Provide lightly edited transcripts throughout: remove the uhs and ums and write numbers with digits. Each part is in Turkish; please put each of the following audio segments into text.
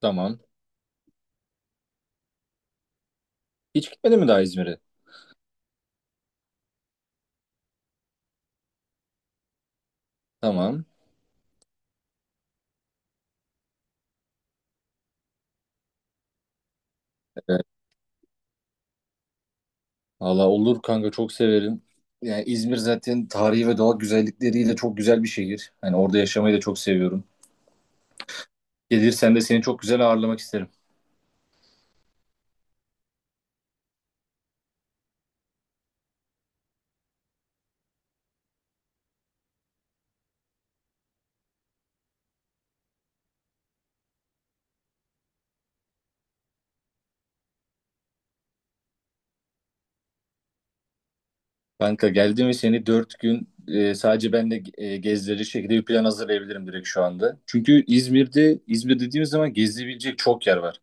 Tamam. Hiç gitmedin mi daha İzmir'e? Tamam. Evet. Valla olur kanka, çok severim. Yani İzmir zaten tarihi ve doğal güzellikleriyle çok güzel bir şehir. Hani orada yaşamayı da çok seviyorum. Gelirsen de seni çok güzel ağırlamak isterim. Kanka, geldim ve seni 4 gün sadece ben de gezdirecek şekilde bir plan hazırlayabilirim direkt şu anda. Çünkü İzmir'de, İzmir dediğimiz zaman gezilebilecek çok yer var.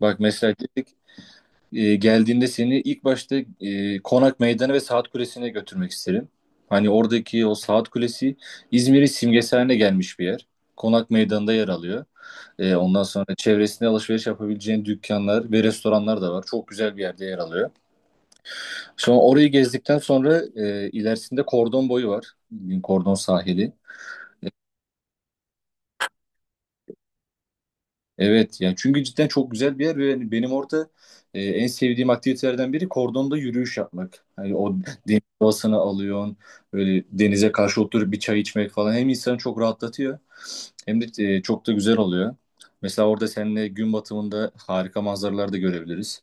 Bak mesela dedik, geldiğinde seni ilk başta Konak Meydanı ve Saat Kulesi'ne götürmek isterim. Hani oradaki o Saat Kulesi İzmir'in simgesi haline gelmiş bir yer. Konak Meydanı'nda yer alıyor. Ondan sonra çevresinde alışveriş yapabileceğin dükkanlar ve restoranlar da var. Çok güzel bir yerde yer alıyor. Sonra orayı gezdikten sonra ilerisinde Kordon Boyu var. Bildiğin Kordon sahili. Evet, yani çünkü cidden çok güzel bir yer ve yani benim orada en sevdiğim aktivitelerden biri kordonda yürüyüş yapmak. Hani o deniz havasını alıyorsun, böyle denize karşı oturup bir çay içmek falan hem insanı çok rahatlatıyor hem de çok da güzel oluyor. Mesela orada seninle gün batımında harika manzaralar da görebiliriz.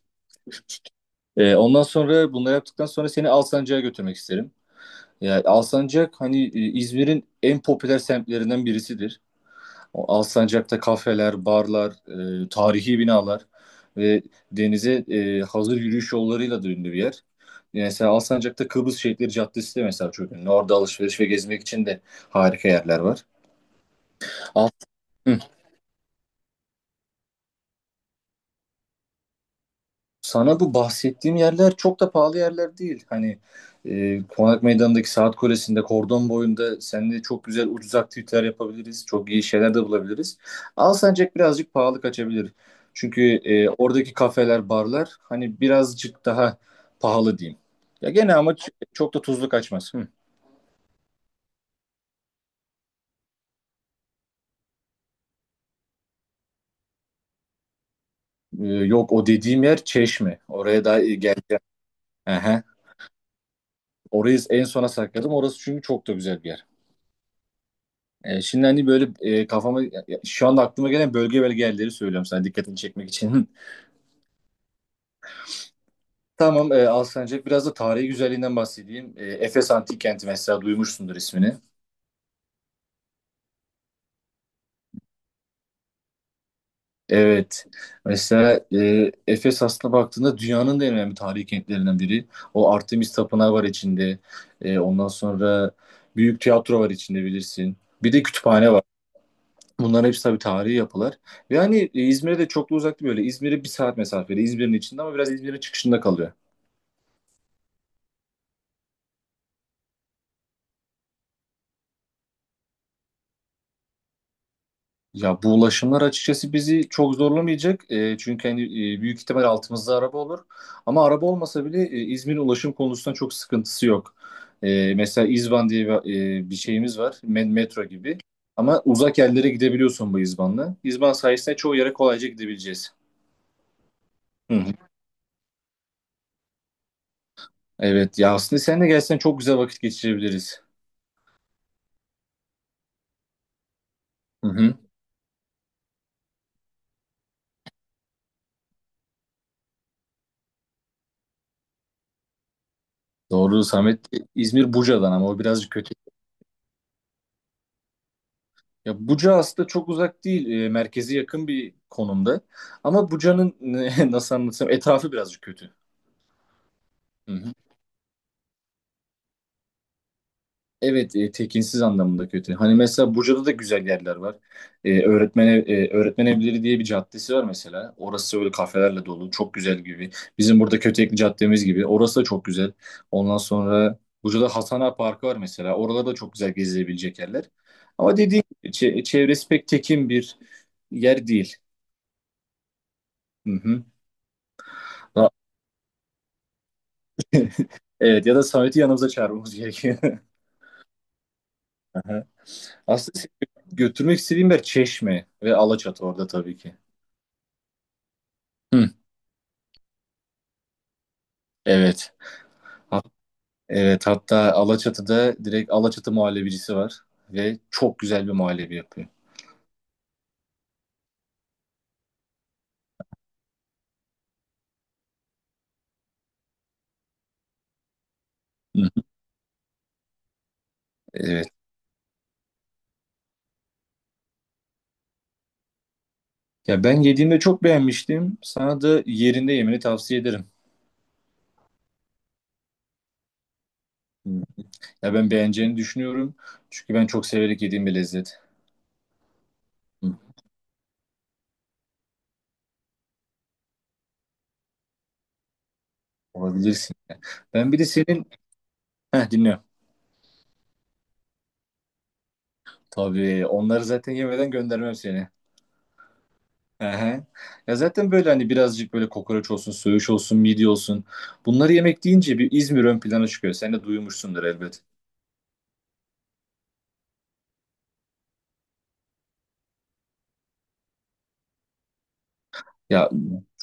Ondan sonra bunları yaptıktan sonra seni Alsancak'a götürmek isterim. Yani Alsancak hani İzmir'in en popüler semtlerinden birisidir. O Alsancak'ta kafeler, barlar, tarihi binalar ve denize hazır yürüyüş yollarıyla da ünlü bir yer. Mesela Alsancak'ta Kıbrıs Şehitleri Caddesi de mesela çok ünlü. Orada alışveriş ve gezmek için de harika yerler var. Al- Sana bu bahsettiğim yerler çok da pahalı yerler değil. Hani Konak Meydanı'ndaki Saat Kulesi'nde, Kordon boyunda seninle çok güzel ucuz aktiviteler yapabiliriz. Çok iyi şeyler de bulabiliriz. Alsancak birazcık pahalı kaçabilir. Çünkü oradaki kafeler, barlar hani birazcık daha pahalı diyeyim. Ya gene ama çok da tuzlu kaçmaz. Hı. Yok, o dediğim yer Çeşme. Oraya daha iyi geleceğim. Aha. Orayı en sona sakladım. Orası çünkü çok da güzel bir yer. Şimdi hani böyle şu anda aklıma gelen bölge bölge yerleri söylüyorum sana dikkatini çekmek için. Tamam, Alsancak biraz da tarihi güzelliğinden bahsedeyim. Efes Antik Kenti, mesela duymuşsundur ismini. Evet. Mesela Efes aslına baktığında dünyanın da en önemli tarihi kentlerinden biri. O Artemis Tapınağı var içinde. Ondan sonra büyük tiyatro var içinde, bilirsin. Bir de kütüphane var. Bunların hepsi tabii tarihi yapılar. Ve hani İzmir'e de çok da uzak değil böyle. İzmir'e bir saat mesafede. İzmir'in içinde ama biraz İzmir'in çıkışında kalıyor. Ya bu ulaşımlar açıkçası bizi çok zorlamayacak. Çünkü hani büyük ihtimal altımızda araba olur. Ama araba olmasa bile İzmir'in ulaşım konusunda çok sıkıntısı yok. Mesela İzban diye bir şeyimiz var. Metro gibi. Ama uzak yerlere gidebiliyorsun bu İzban'la. İzban sayesinde çoğu yere kolayca gidebileceğiz. Hı hı. Evet ya, aslında sen de gelsen çok güzel vakit geçirebiliriz. Hı hı. Doğru, Samet. İzmir Buca'dan, ama o birazcık kötü. Ya Buca aslında çok uzak değil. Merkeze yakın bir konumda. Ama Buca'nın nasıl anlatsam, etrafı birazcık kötü. Hı hı. Evet, tekinsiz anlamında kötü. Hani mesela Buca'da da güzel yerler var. Öğretmen evleri diye bir caddesi var mesela. Orası öyle kafelerle dolu. Çok güzel gibi. Bizim burada Kötekli caddemiz gibi. Orası da çok güzel. Ondan sonra Buca'da Hasan Ağa Parkı var mesela. Oralarda da çok güzel gezilebilecek yerler. Ama dediğim gibi çevresi pek tekin bir yer değil. Hı hı. Ha- Evet, ya da Samet'i yanımıza çağırmamız gerekiyor. Aha. Aslında seni götürmek istediğim yer Çeşme ve Alaçatı, orada tabii ki. Hı, evet. Ha- evet, hatta Alaçatı'da direkt Alaçatı muhallebicisi var ve çok güzel bir muhallebi yapıyor. Hı hı, evet. Ya ben yediğimde çok beğenmiştim. Sana da yerinde yemeni tavsiye ederim. Hı. Ya ben beğeneceğini düşünüyorum. Çünkü ben çok severek yediğim bir lezzet. Hı, olabilirsin. Ben bir de senin... Heh, dinliyorum. Tabii onları zaten yemeden göndermem seni. Aha. Ya zaten böyle hani birazcık böyle kokoreç olsun, söğüş olsun, midye olsun. Bunları yemek deyince bir İzmir ön plana çıkıyor. Sen de duymuşsundur elbet. Ya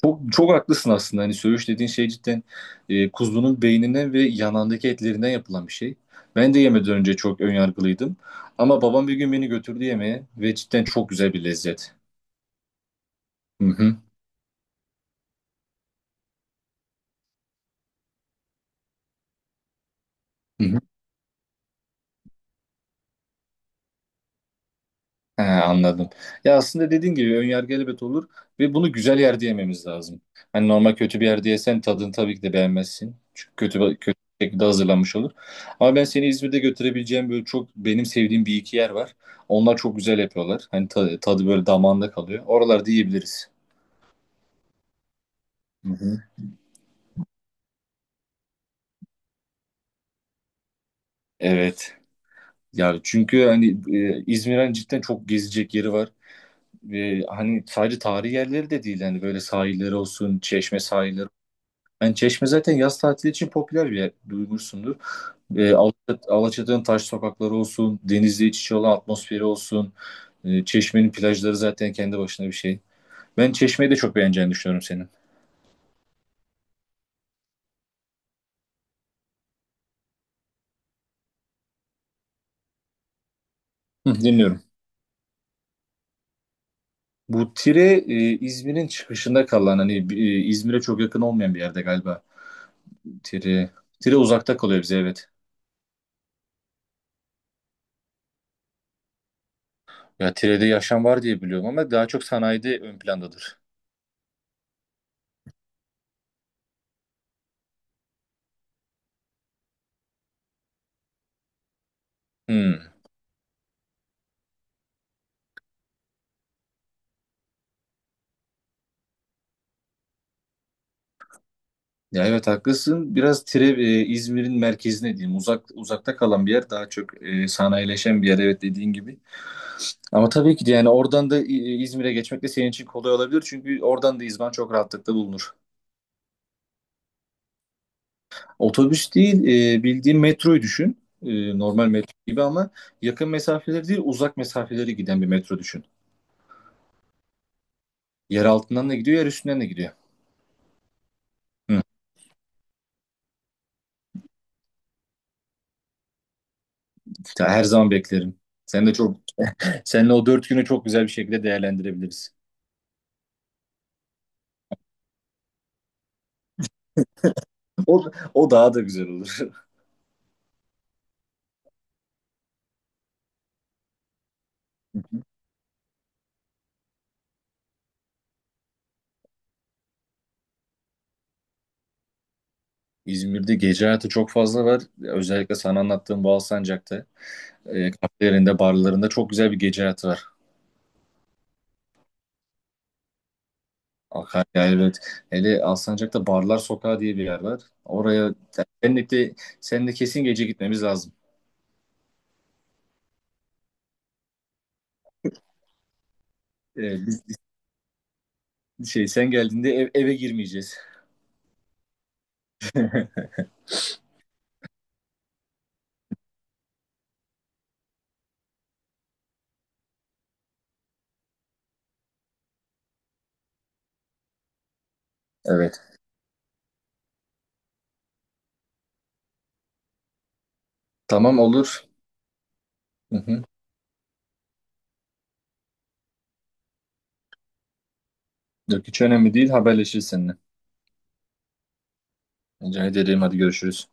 çok çok haklısın aslında. Hani söğüş dediğin şey cidden kuzunun beyninden ve yanağındaki etlerinden yapılan bir şey. Ben de yemeden önce çok ön yargılıydım. Ama babam bir gün beni götürdü yemeğe ve cidden çok güzel bir lezzet. Hı hı. Hı hı. He, anladım. Ya aslında dediğin gibi önyargı elbet olur ve bunu güzel yerde yememiz lazım. Hani normal kötü bir yerde yesen tadını tabii ki de beğenmezsin. Çünkü kötü kötü bir şekilde hazırlanmış olur. Ama ben seni İzmir'de götürebileceğim böyle çok benim sevdiğim bir iki yer var. Onlar çok güzel yapıyorlar. Hani tadı böyle damağında kalıyor. Oralarda yiyebiliriz. Hı hı. Evet. Yani çünkü hani İzmir'in hani cidden çok gezecek yeri var. Ve hani sadece tarihi yerleri de değil. Hani böyle sahilleri olsun, Çeşme sahilleri. Yani Çeşme zaten yaz tatili için popüler bir yer, duymuşsundur. Alaçatı'nın taş sokakları olsun, denizle iç içe olan atmosferi olsun. Çeşme'nin plajları zaten kendi başına bir şey. Ben Çeşme'yi de çok beğeneceğini düşünüyorum senin. Hı, dinliyorum. Bu Tire İzmir'in çıkışında kalan, hani İzmir'e çok yakın olmayan bir yerde galiba. Tire Tire uzakta kalıyor bize, evet. Ya Tire'de yaşam var diye biliyorum ama daha çok sanayide ön plandadır. Hmm. Ya evet, haklısın. Biraz Tire, İzmir'in merkezine diyeyim. Uzakta kalan bir yer. Daha çok sanayileşen bir yer. Evet, dediğin gibi. Ama tabii ki de yani oradan da İzmir'e geçmek de senin için kolay olabilir. Çünkü oradan da İzban çok rahatlıkla bulunur. Otobüs değil, bildiğin metroyu düşün. Normal metro gibi ama yakın mesafeleri değil, uzak mesafeleri giden bir metro düşün. Yer altından da gidiyor, yer üstünden de gidiyor. Hı. Ya her zaman beklerim. Sen de çok, seninle o 4 günü çok güzel bir şekilde değerlendirebiliriz. O, o daha da güzel olur. İzmir'de gece hayatı çok fazla var. Özellikle sana anlattığım Alsancak'ta, kafelerinde, barlarında çok güzel bir gece hayatı var. Akar, evet. Hele Alsancak'ta Barlar Sokağı diye bir yer var. Seninle de, Seninle kesin gece gitmemiz lazım. E, biz, biz- sen geldiğinde eve girmeyeceğiz. Evet. Tamam, olur. Hı hı. Yok, hiç önemli değil. Haberleşiriz seninle. Rica ederim. Hadi görüşürüz.